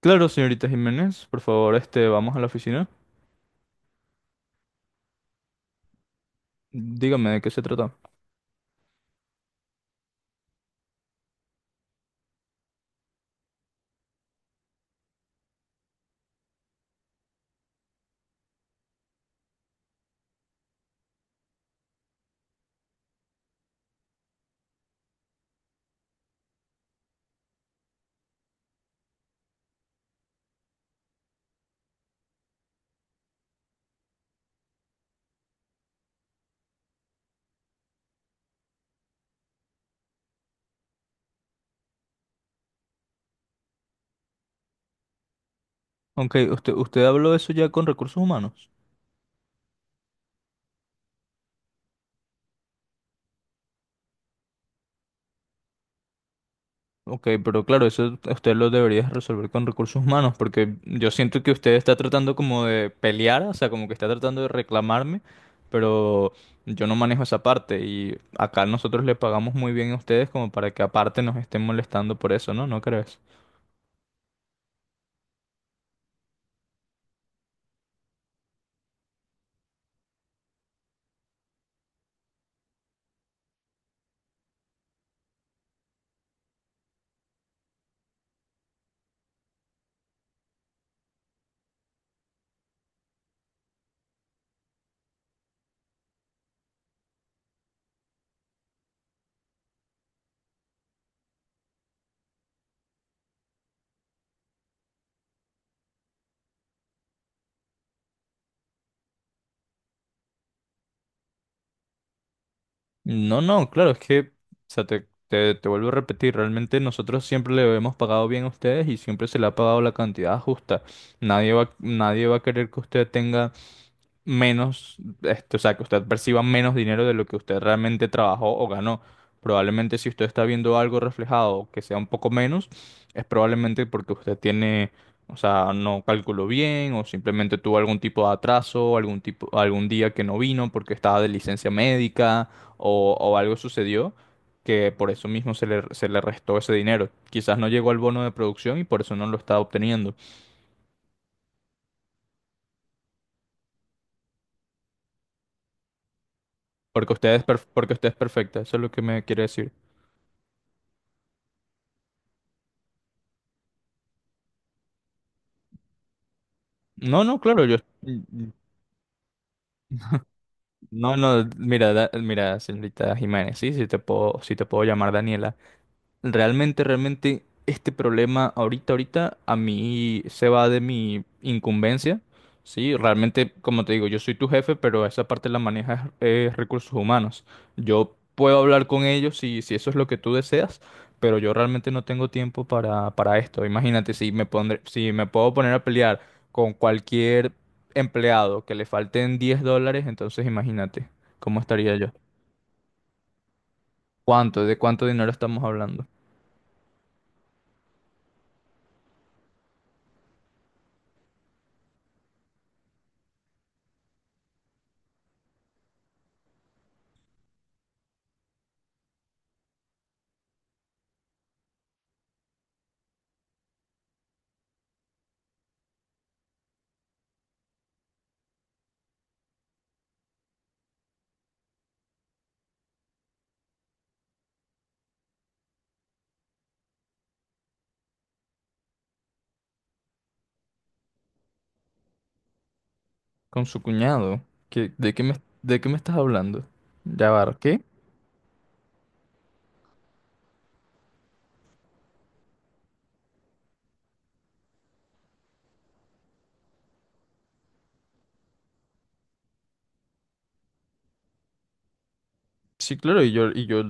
Claro, señorita Jiménez, por favor, vamos a la oficina. Dígame de qué se trata. Ok, usted habló de eso ya con recursos humanos. Ok, pero claro, eso usted lo debería resolver con recursos humanos, porque yo siento que usted está tratando como de pelear, o sea, como que está tratando de reclamarme, pero yo no manejo esa parte y acá nosotros le pagamos muy bien a ustedes como para que aparte nos estén molestando por eso, ¿no? ¿No crees? No, no, claro, es que, o sea, te vuelvo a repetir, realmente nosotros siempre le hemos pagado bien a ustedes y siempre se le ha pagado la cantidad justa. Nadie va a querer que usted tenga menos, o sea, que usted perciba menos dinero de lo que usted realmente trabajó o ganó. Probablemente si usted está viendo algo reflejado que sea un poco menos, es probablemente porque usted tiene, o sea, no calculó bien o simplemente tuvo algún tipo de atraso, algún tipo, algún día que no vino porque estaba de licencia médica o algo sucedió que por eso mismo se le restó ese dinero. Quizás no llegó al bono de producción y por eso no lo está obteniendo. Porque porque usted es perfecta, eso es lo que me quiere decir. No, no, claro, yo... mm, mm, No, no, mira, mira, señorita Jiménez, sí, sí te puedo llamar Daniela. Realmente, este problema ahorita, a mí se va de mi incumbencia, ¿sí? Realmente, como te digo, yo soy tu jefe, pero esa parte la maneja recursos humanos. Yo puedo hablar con ellos si eso es lo que tú deseas, pero yo realmente no tengo tiempo para esto. Imagínate, si me puedo poner a pelear con cualquier empleado que le falten $10, entonces imagínate cómo estaría yo. ¿Cuánto? ¿De cuánto dinero estamos hablando? Con su cuñado. ¿Qué- de qué me, ¿de qué me estás hablando? Ya va, ¿qué? Sí, claro, y yo,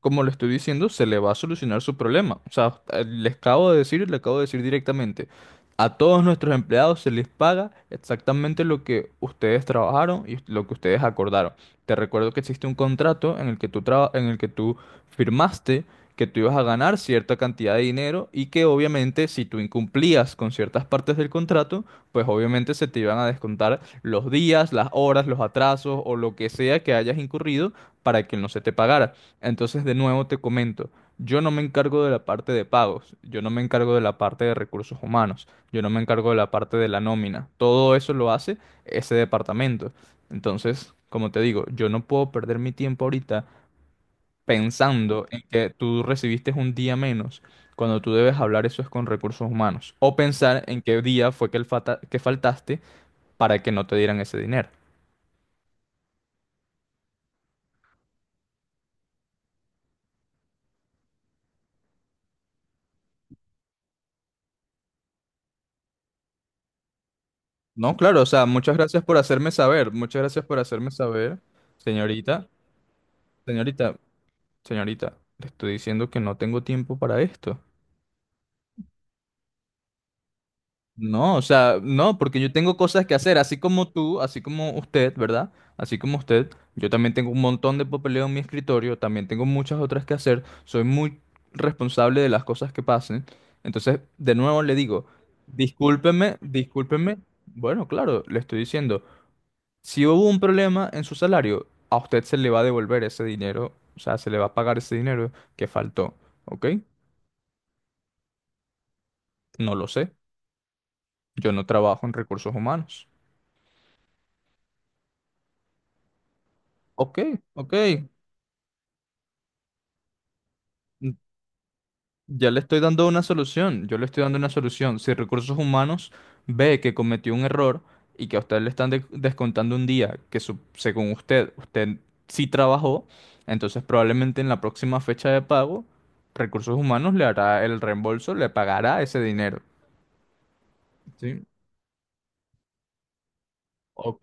como le estoy diciendo, se le va a solucionar su problema. O sea, les acabo de decir, le acabo de decir directamente, a todos nuestros empleados se les paga exactamente lo que ustedes trabajaron y lo que ustedes acordaron. Te recuerdo que existe un contrato en el que tú firmaste que tú ibas a ganar cierta cantidad de dinero y que obviamente si tú incumplías con ciertas partes del contrato, pues obviamente se te iban a descontar los días, las horas, los atrasos o lo que sea que hayas incurrido para que no se te pagara. Entonces, de nuevo te comento, yo no me encargo de la parte de pagos, yo no me encargo de la parte de recursos humanos, yo no me encargo de la parte de la nómina. Todo eso lo hace ese departamento. Entonces, como te digo, yo no puedo perder mi tiempo ahorita pensando en que tú recibiste un día menos cuando tú debes hablar eso es con recursos humanos. O pensar en qué día fue que, que faltaste para que no te dieran ese dinero. No, claro, o sea, muchas gracias por hacerme saber, señorita, señorita, señorita, le estoy diciendo que no tengo tiempo para esto. No, o sea, no, porque yo tengo cosas que hacer, así como usted, ¿verdad? Así como usted, yo también tengo un montón de papeleo en mi escritorio, también tengo muchas otras que hacer, soy muy responsable de las cosas que pasen. Entonces, de nuevo le digo, discúlpeme. Bueno, claro, le estoy diciendo. Si hubo un problema en su salario, a usted se le va a devolver ese dinero, o sea, se le va a pagar ese dinero que faltó, ¿ok? No lo sé, yo no trabajo en recursos humanos. Ok, ok, mm, ya le estoy dando una solución, yo le estoy dando una solución. Si recursos humanos ve que cometió un error y que a usted descontando un día que según usted, usted sí trabajó, entonces probablemente en la próxima fecha de pago, recursos humanos le hará el reembolso, le pagará ese dinero. ¿Sí? Ok,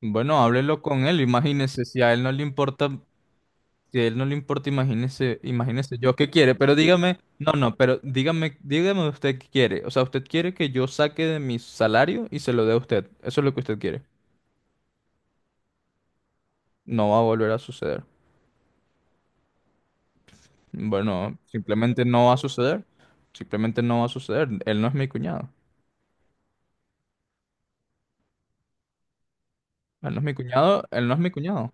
bueno, háblelo con él, imagínese, si a él no le importa, imagínese yo qué quiere, pero dígame, no, no, pero dígame, dígame usted qué quiere, o sea, usted quiere que yo saque de mi salario y se lo dé a usted, eso es lo que usted quiere, no va a volver a suceder, bueno, simplemente no va a suceder, simplemente no va a suceder, él no es mi cuñado, él no es mi cuñado, él no es mi cuñado,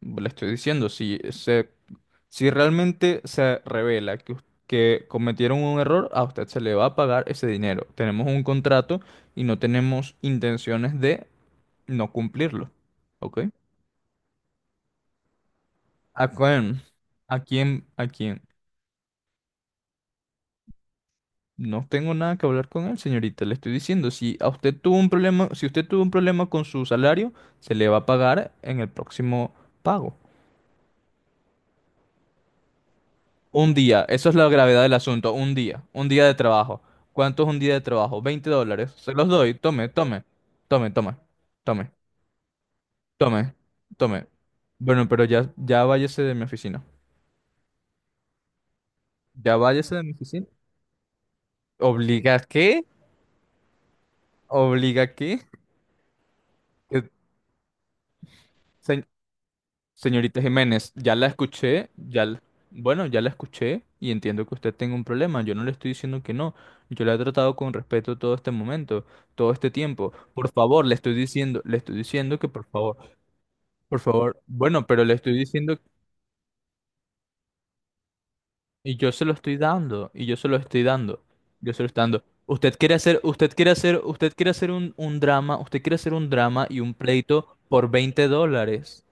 le estoy diciendo, si se. Si realmente se revela que, que cometieron un error, a usted se le va a pagar ese dinero. Tenemos un contrato y no tenemos intenciones de no cumplirlo. ¿Ok? ¿A quién? ¿A quién? No tengo nada que hablar con él, señorita. Le estoy diciendo, si a usted tuvo un problema, si usted tuvo un problema con su salario, se le va a pagar en el próximo pago. Un día, eso es la gravedad del asunto, un día de trabajo. ¿Cuánto es un día de trabajo? $20. Se los doy, tome, tome, tome, tome, tome. Bueno, pero ya váyase de mi oficina. Ya váyase de mi oficina. ¿Obliga qué? ¿Obliga qué? Que- se- Señorita Jiménez, ya la escuché, bueno, ya la escuché y entiendo que usted tenga un problema. Yo no le estoy diciendo que no. Yo la he tratado con respeto todo este momento, todo este tiempo. Por favor, le estoy diciendo que por favor, bueno, pero le estoy diciendo y yo se lo estoy dando. Yo se lo estoy dando. Usted quiere hacer un drama, usted quiere hacer un drama y un pleito por $20.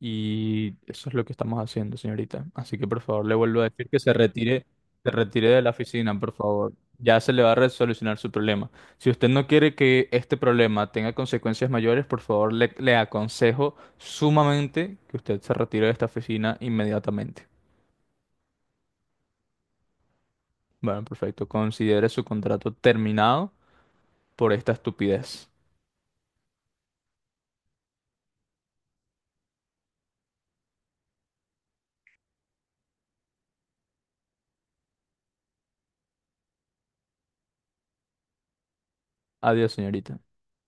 Y eso es lo que estamos haciendo, señorita. Así que por favor, le vuelvo a decir que se retire de la oficina, por favor. Ya se le va a resolucionar su problema. Si usted no quiere que este problema tenga consecuencias mayores, por favor, le aconsejo sumamente que usted se retire de esta oficina inmediatamente. Bueno, perfecto. Considere su contrato terminado por esta estupidez. Adiós, señorita.